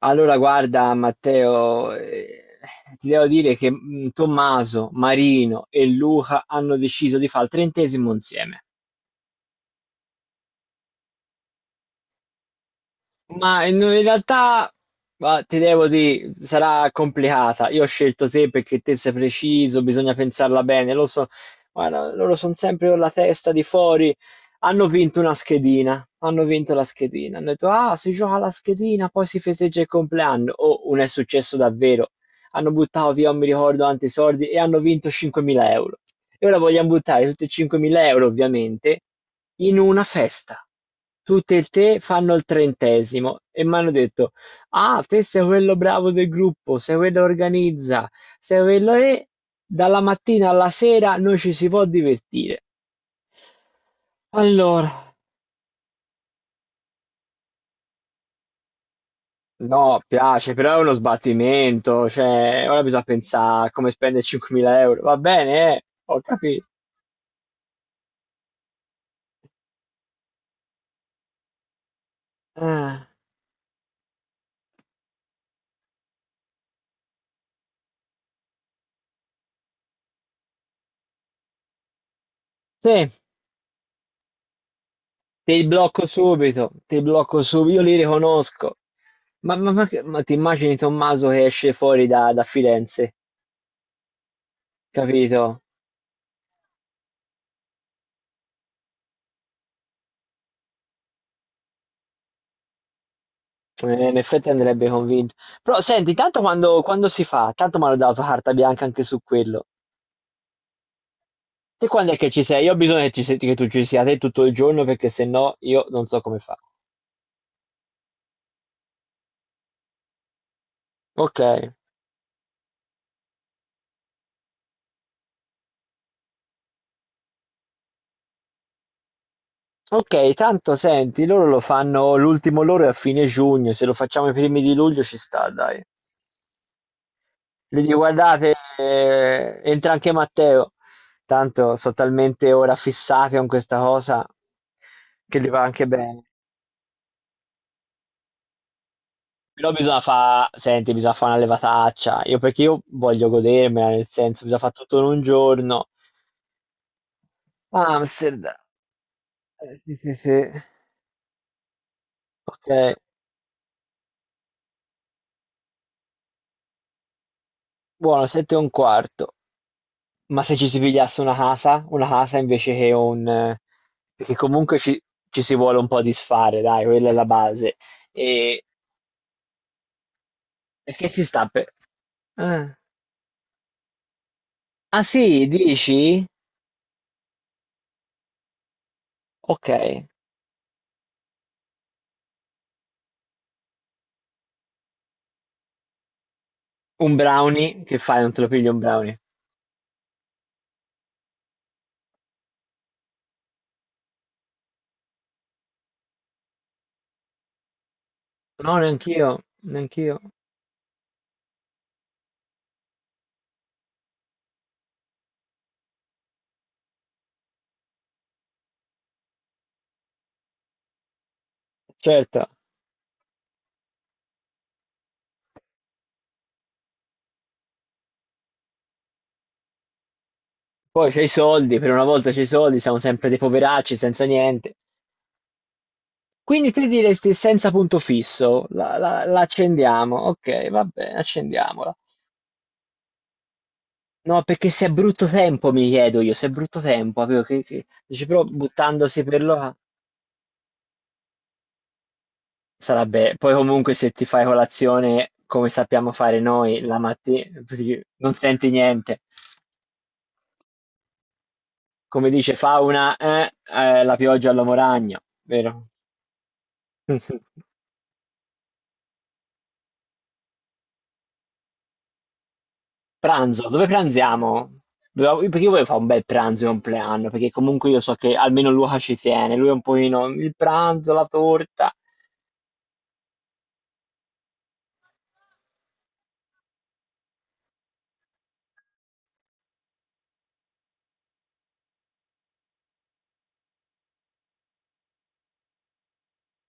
Allora, guarda, Matteo, ti devo dire che Tommaso, Marino e Luca hanno deciso di fare il 30° insieme. Ma in realtà, ma ti devo dire, sarà complicata. Io ho scelto te perché te sei preciso, bisogna pensarla bene. Lo so, guarda, loro sono sempre con la testa di fuori. Hanno vinto una schedina, hanno vinto la schedina. Hanno detto, ah, si gioca la schedina, poi si festeggia il compleanno. Oh, non è successo davvero. Hanno buttato via, non mi ricordo, tanti soldi e hanno vinto 5.000 euro. E ora vogliamo buttare tutti i 5.000 euro, ovviamente, in una festa. Tutte e tre fanno il 30° e mi hanno detto: ah, te sei quello bravo del gruppo, sei quello che organizza, sei quello e dalla mattina alla sera noi ci si può divertire. Allora, no, piace, però è uno sbattimento, cioè, ora bisogna pensare a come spendere 5.000 euro. Va bene, eh? Ho capito. Ah, sì, ti blocco subito, ti blocco subito, io li riconosco. Ma ti immagini Tommaso che esce fuori da Firenze, capito? In effetti andrebbe convinto. Però senti, tanto quando si fa, tanto mi hanno dato carta bianca anche su quello. Te quando è che ci sei? Io ho bisogno che, ci se- che tu ci sia te tutto il giorno perché se no io non so come fa. Ok, ok, tanto senti, loro lo fanno l'ultimo loro è a fine giugno, se lo facciamo i primi di luglio ci sta, dai. Le dico, guardate, entra anche Matteo. Tanto sono talmente ora fissati con questa cosa che gli va anche bene. Però bisogna fare, senti, bisogna fare una levataccia. Io perché io voglio godermela, nel senso, bisogna fare tutto in un giorno. Amsterdam. Sì, sì, sì. Ok, buono, 7:15. Ma se ci si pigliasse una casa invece che un... perché comunque ci si vuole un po' disfare, dai, quella è la base. E perché si sta per... Ah. Ah, sì, dici? Okay. Un brownie, che fai, non te lo pigli un brownie? No, neanch'io, neanch'io. Certo, poi c'hai i soldi, per una volta c'hai i soldi, siamo sempre dei poveracci senza niente. Quindi te diresti senza punto fisso, la accendiamo, okay, va bene, accendiamola. No, perché se è brutto tempo mi chiedo io, se è brutto tempo, capito, che dici però buttandosi per lo a sarebbe poi comunque se ti fai colazione come sappiamo fare noi la mattina, non senti niente. Come dice Fauna, la pioggia all'uomo ragno, vero? Pranzo, dove pranziamo? Perché io voglio fare un bel pranzo di compleanno, perché comunque io so che almeno Luca ci tiene, lui è un pochino il pranzo, la torta.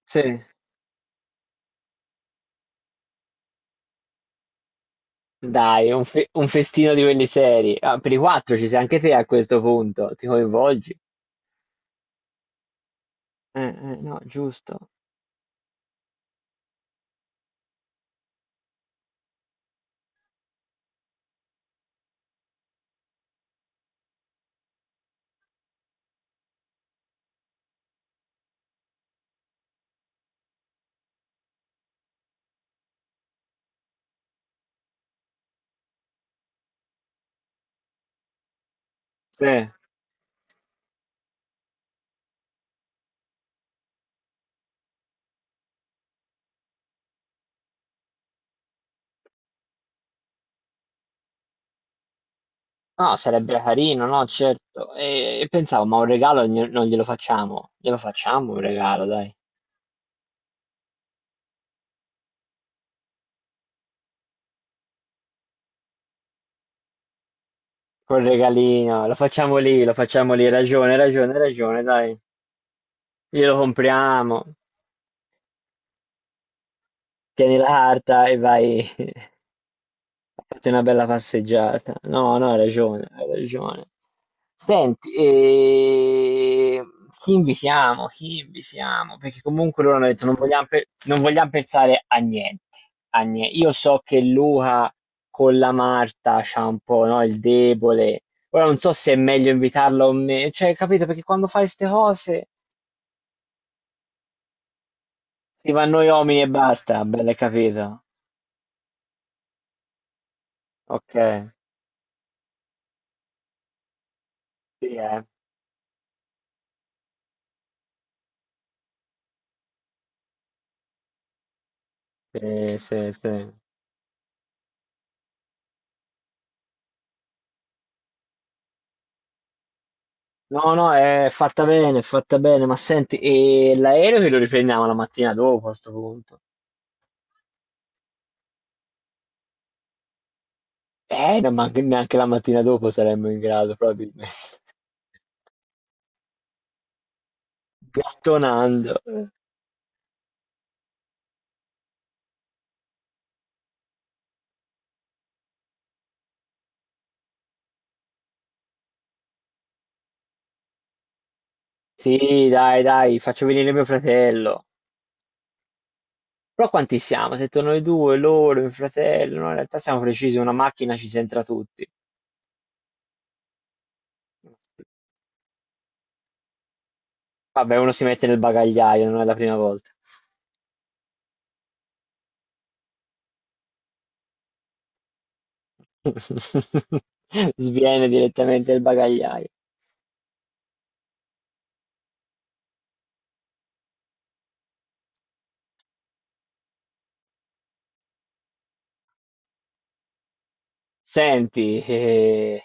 Sì. Dai, un festino di quelli seri. Ah, per i quattro ci sei anche te a questo punto, ti coinvolgi? No, giusto. Sì. No, sarebbe carino, no, certo. E pensavo, ma un regalo non glielo facciamo? Glielo facciamo un regalo, dai. Col regalino, lo facciamo lì, lo facciamo lì. Hai ragione, hai ragione, hai ragione, dai. Glielo compriamo. Tieni la carta e vai. Fate una bella passeggiata. No, no, hai ragione, hai ragione. Senti, e... chi invitiamo? Chi invitiamo? Perché comunque loro hanno detto non vogliamo, non vogliamo pensare a niente, io so che Luca con la Marta c'ha un po', no, il debole. Ora non so se è meglio invitarlo o meno. Cioè, capito? Perché quando fai queste cose si va a noi uomini e basta. Bello, hai capito? Ok. Sì, eh. Sì, sì, sì. No, no, è fatta bene, ma senti, e l'aereo che lo riprendiamo la mattina dopo a questo punto? No, ma neanche la mattina dopo saremmo in grado, probabilmente. Gattonando. Sì, dai, dai, faccio venire mio fratello. Però quanti siamo? Se torno noi due, loro, il fratello, no, in realtà siamo precisi, una macchina ci entra tutti. Vabbè, uno si mette nel bagagliaio, non è la prima volta. Sviene direttamente il bagagliaio. Senti,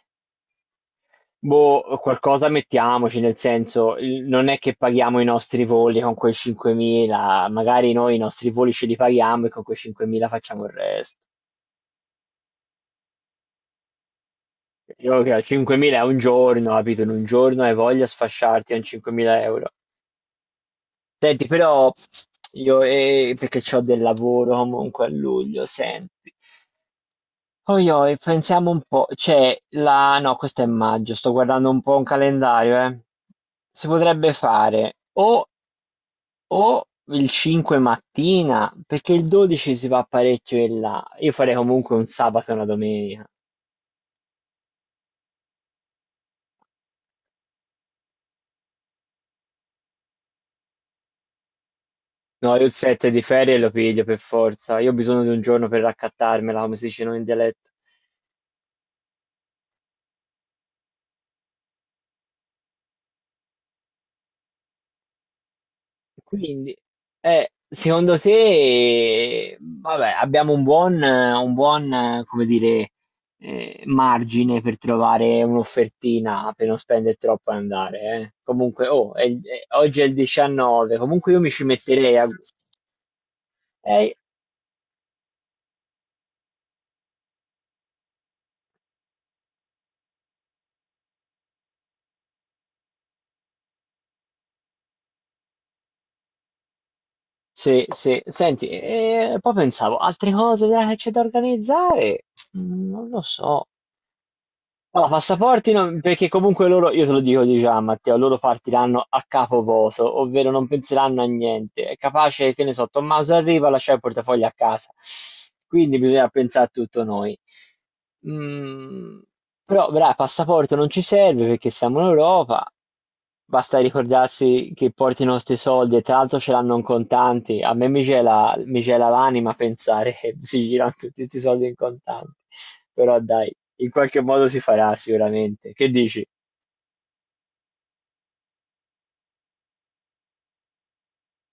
boh, qualcosa mettiamoci, nel senso, non è che paghiamo i nostri voli con quei 5.000, magari noi i nostri voli ce li paghiamo e con quei 5.000 facciamo il resto. Io che ho 5.000 è un giorno, capito? In un giorno hai voglia di sfasciarti con 5.000 euro. Senti, però io, perché ho del lavoro comunque a luglio, senti. Oi, oi, pensiamo un po', cioè, la... no, questo è maggio, sto guardando un po' un calendario, eh. Si potrebbe fare o il 5 mattina, perché il 12 si va parecchio in là. Io farei comunque un sabato e una domenica. No, io il 7 di ferie lo piglio per forza. Io ho bisogno di un giorno per raccattarmela, come si dice noi in dialetto. Quindi, secondo te, vabbè, abbiamo un buon, come dire, margine per trovare un'offertina per non spendere troppo e andare. Comunque, oh, oggi è il 19, comunque io mi ci metterei a... Eh, sì, sì. Senti, e poi pensavo, altre cose che c'è da organizzare? Non lo so. Allora, passaporti no, perché comunque loro, io te lo dico di già, Matteo, loro partiranno a capo voto, ovvero non penseranno a niente. È capace, che ne so, Tommaso arriva, lascia il portafoglio a casa. Quindi bisogna pensare a tutto noi. Mm, però, bravo, passaporto non ci serve perché siamo in Europa. Basta ricordarsi che porti i nostri soldi e tra l'altro ce l'hanno in contanti. A me mi gela l'anima pensare che si girano tutti questi soldi in contanti. Però dai, in qualche modo si farà sicuramente. Che dici?